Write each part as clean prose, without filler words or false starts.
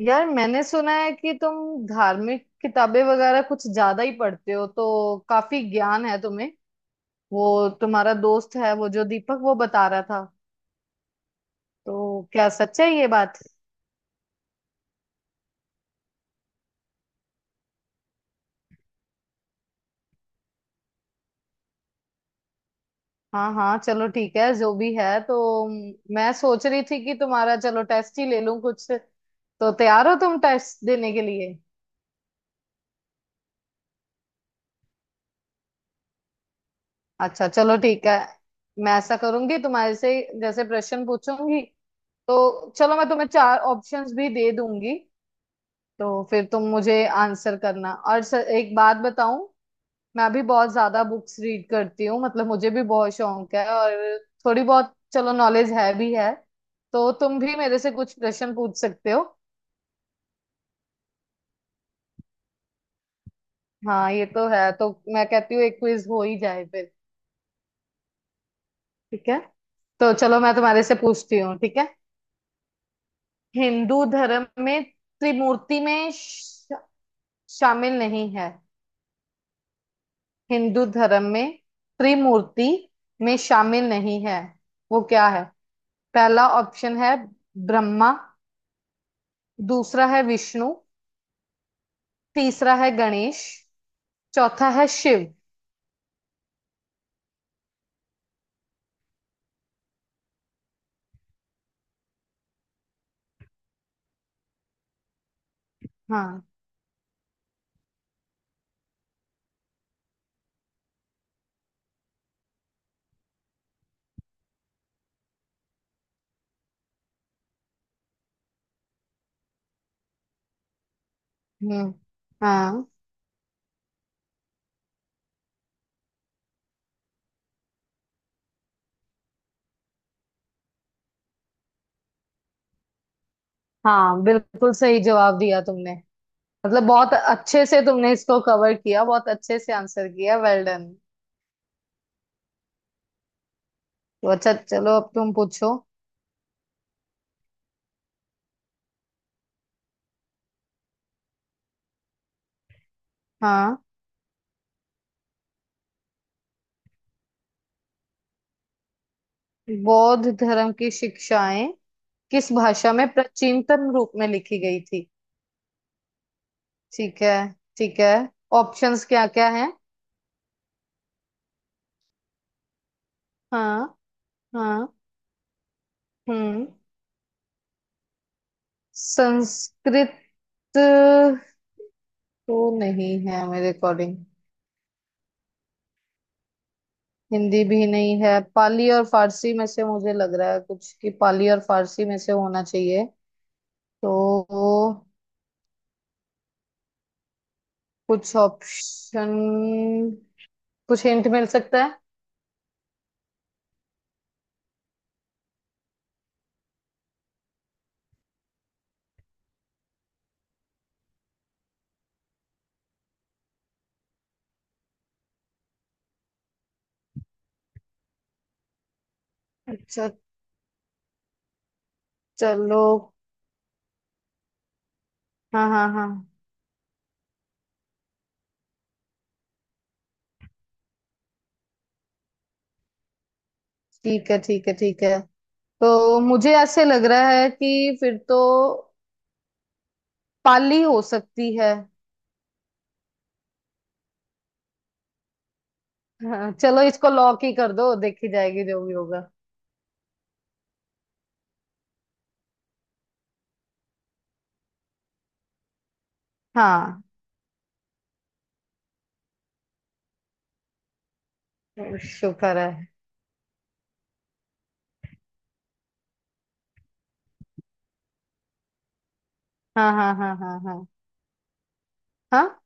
यार मैंने सुना है कि तुम धार्मिक किताबें वगैरह कुछ ज्यादा ही पढ़ते हो तो काफी ज्ञान है तुम्हें। वो तुम्हारा दोस्त है वो जो दीपक वो बता रहा था। तो क्या सच है ये बात? हाँ हाँ, चलो ठीक है, जो भी है। तो मैं सोच रही थी कि तुम्हारा चलो टेस्ट ही ले लूं कुछ। तो तैयार हो तुम टेस्ट देने के लिए? अच्छा चलो ठीक है। मैं ऐसा करूंगी तुम्हारे से जैसे प्रश्न पूछूंगी। तो चलो मैं तुम्हें चार ऑप्शंस भी दे दूंगी तो फिर तुम मुझे आंसर करना। और सर एक बात बताऊं, मैं भी बहुत ज्यादा बुक्स रीड करती हूँ, मतलब मुझे भी बहुत शौक है, और थोड़ी बहुत चलो नॉलेज है भी है। तो तुम भी मेरे से कुछ प्रश्न पूछ सकते हो। हाँ ये तो है। तो मैं कहती हूँ एक क्विज हो ही जाए फिर। ठीक है, तो चलो मैं तुम्हारे से पूछती हूँ। ठीक है। हिंदू धर्म में त्रिमूर्ति में शामिल नहीं है। हिंदू धर्म में त्रिमूर्ति में शामिल नहीं है वो क्या है? पहला ऑप्शन है ब्रह्मा। दूसरा है विष्णु। तीसरा है गणेश। चौथा है शिव। हाँ। हम्म। हाँ हाँ, बिल्कुल सही जवाब दिया तुमने। मतलब बहुत अच्छे से तुमने इसको कवर किया, बहुत अच्छे से आंसर किया, वेल डन। तो अच्छा चलो, अब तुम पूछो। हाँ। बौद्ध धर्म की शिक्षाएं किस भाषा में प्राचीनतम रूप में लिखी गई थी? ठीक है, ठीक है। ऑप्शंस क्या क्या है? हाँ हाँ। हम्म। संस्कृत तो नहीं है मेरे अकॉर्डिंग। हिंदी भी नहीं है। पाली और फारसी में से मुझे लग रहा है कुछ, कि पाली और फारसी में से होना चाहिए। तो कुछ ऑप्शन, कुछ हिंट मिल सकता है? अच्छा चलो। हाँ हाँ हाँ। ठीक है ठीक है ठीक है। तो मुझे ऐसे लग रहा है कि फिर तो पाली हो सकती है। हाँ, चलो इसको लॉक ही कर दो, देखी जाएगी जो भी होगा। हाँ। शुक्र है। हाँ हाँ हाँ हाँ हाँ। हाँ।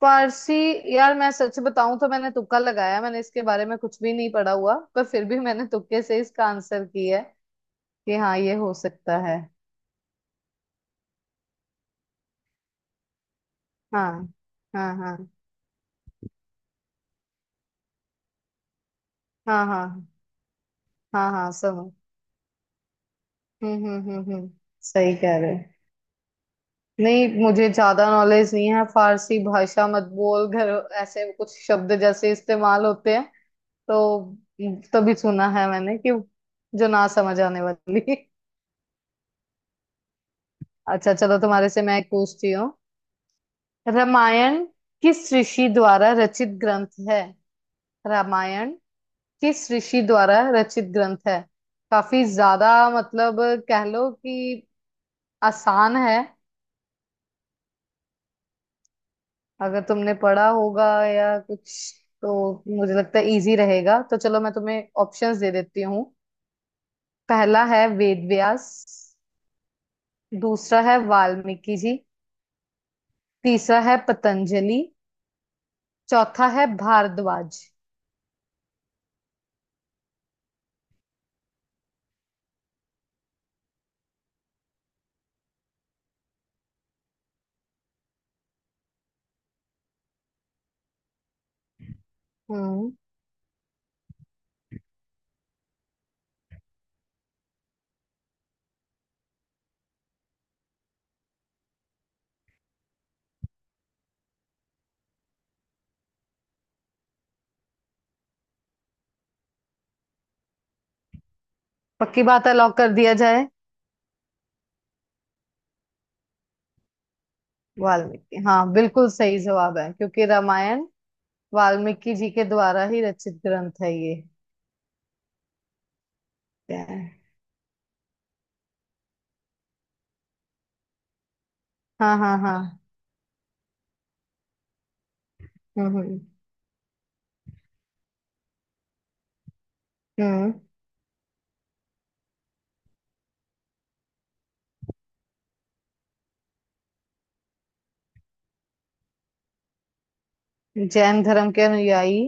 पारसी। यार मैं सच बताऊं तो मैंने तुक्का लगाया, मैंने इसके बारे में कुछ भी नहीं पढ़ा हुआ, पर फिर भी मैंने तुक्के से इसका आंसर किया है। कि हाँ ये हो सकता है। हाँ हाँ हाँ हाँ। हाँ हाँ, हाँ समझ। हम्म। सही कह रहे हो। नहीं, मुझे ज्यादा नॉलेज नहीं है। फारसी भाषा मत बोल घर ऐसे कुछ शब्द जैसे इस्तेमाल होते हैं। तो तभी सुना है मैंने कि जो ना समझ आने वाली। अच्छा चलो, तुम्हारे से मैं एक पूछती हूँ। रामायण किस ऋषि द्वारा रचित ग्रंथ है? रामायण किस ऋषि द्वारा रचित ग्रंथ है? काफी ज्यादा, मतलब कह लो कि आसान है। अगर तुमने पढ़ा होगा या कुछ तो मुझे लगता है इजी रहेगा। तो चलो मैं तुम्हें ऑप्शंस दे देती हूँ। पहला है वेद व्यास। दूसरा है वाल्मीकि जी। तीसरा है पतंजलि। चौथा है भारद्वाज। हम्म। पक्की बात है, लॉक कर दिया जाए। वाल्मीकि, हाँ बिल्कुल सही जवाब है क्योंकि रामायण वाल्मीकि जी के द्वारा ही रचित ग्रंथ है ये। हाँ हाँ हाँ। हम्म हम्म हम्म। जैन धर्म के अनुयायी।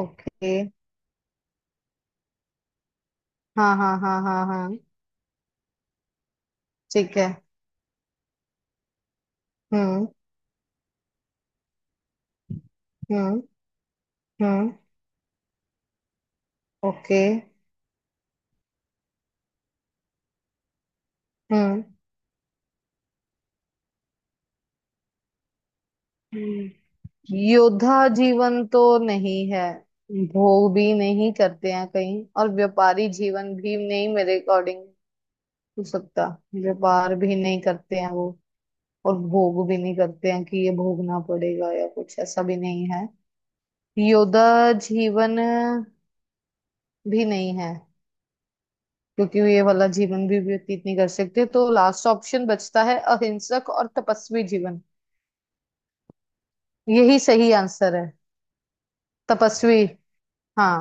ओके। हाँ हाँ हाँ हाँ हाँ। ठीक है। हम्म हम्म हम्म। ओके। हम्म हम्म। योद्धा जीवन तो नहीं है। भोग भी नहीं करते हैं कहीं, और व्यापारी जीवन भी नहीं, मेरे अकॉर्डिंग। हो सकता, व्यापार भी नहीं करते हैं वो, और भोग भी नहीं करते हैं कि ये भोगना पड़ेगा या कुछ, ऐसा भी नहीं है। योद्धा जीवन भी नहीं है क्योंकि ये वाला जीवन भी व्यतीत नहीं कर सकते। तो लास्ट ऑप्शन बचता है अहिंसक और तपस्वी जीवन। यही सही आंसर है। तपस्वी। हाँ।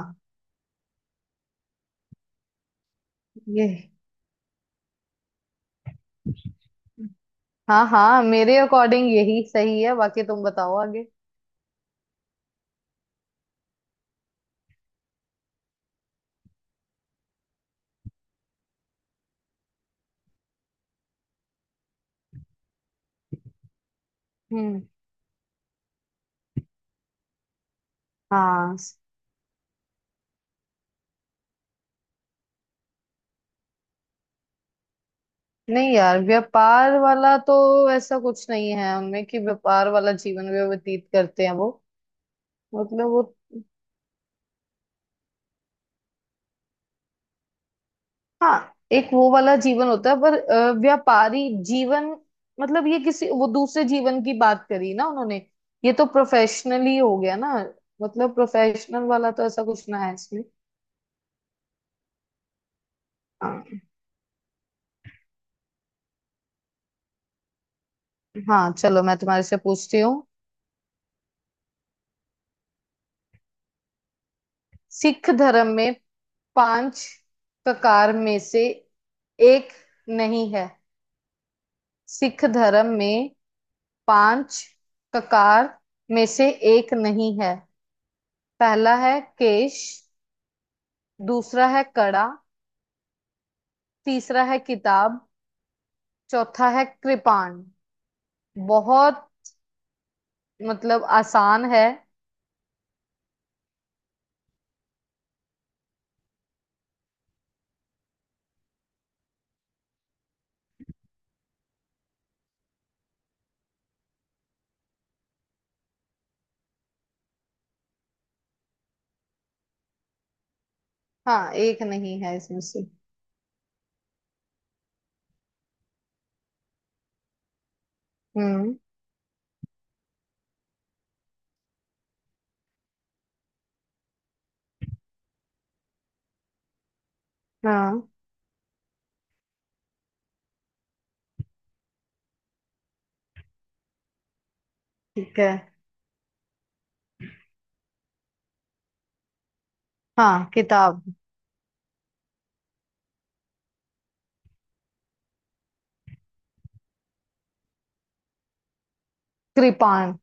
ये। हाँ हाँ, मेरे अकॉर्डिंग यही सही है, बाकी तुम बताओ आगे। हम्म। हाँ। नहीं यार, व्यापार वाला तो ऐसा कुछ नहीं है हमें कि व्यापार वाला जीवन भी व्यतीत करते हैं वो। मतलब वो। हाँ एक वो वाला जीवन होता है पर व्यापारी जीवन, मतलब ये किसी वो दूसरे जीवन की बात करी ना उन्होंने। ये तो प्रोफेशनली हो गया ना। मतलब प्रोफेशनल वाला तो ऐसा कुछ ना है इसमें। हाँ हाँ, चलो मैं तुम्हारे से पूछती हूँ। सिख धर्म में पांच ककार में से एक नहीं है। सिख धर्म में पांच ककार में से एक नहीं है। पहला है केश। दूसरा है कड़ा। तीसरा है किताब। चौथा है कृपाण। बहुत, मतलब आसान है। हाँ एक नहीं है इसमें से। हम्म। हाँ। ठीक है। हाँ किताब। कृपाण।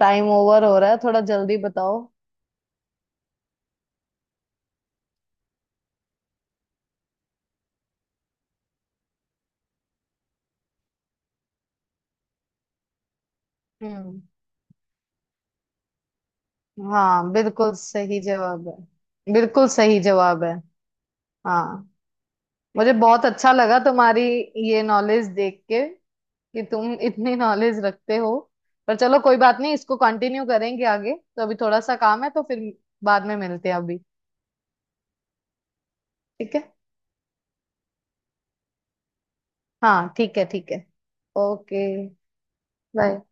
टाइम ओवर हो रहा है, थोड़ा जल्दी बताओ। हम्म। हाँ बिल्कुल सही जवाब है। बिल्कुल सही जवाब है। हाँ। मुझे बहुत अच्छा लगा तुम्हारी ये नॉलेज देख के, कि तुम इतनी नॉलेज रखते हो। पर चलो कोई बात नहीं, इसको कंटिन्यू करेंगे आगे। तो अभी थोड़ा सा काम है तो फिर बाद में मिलते हैं अभी। ठीक है। हाँ ठीक है ठीक है। ओके। बाय।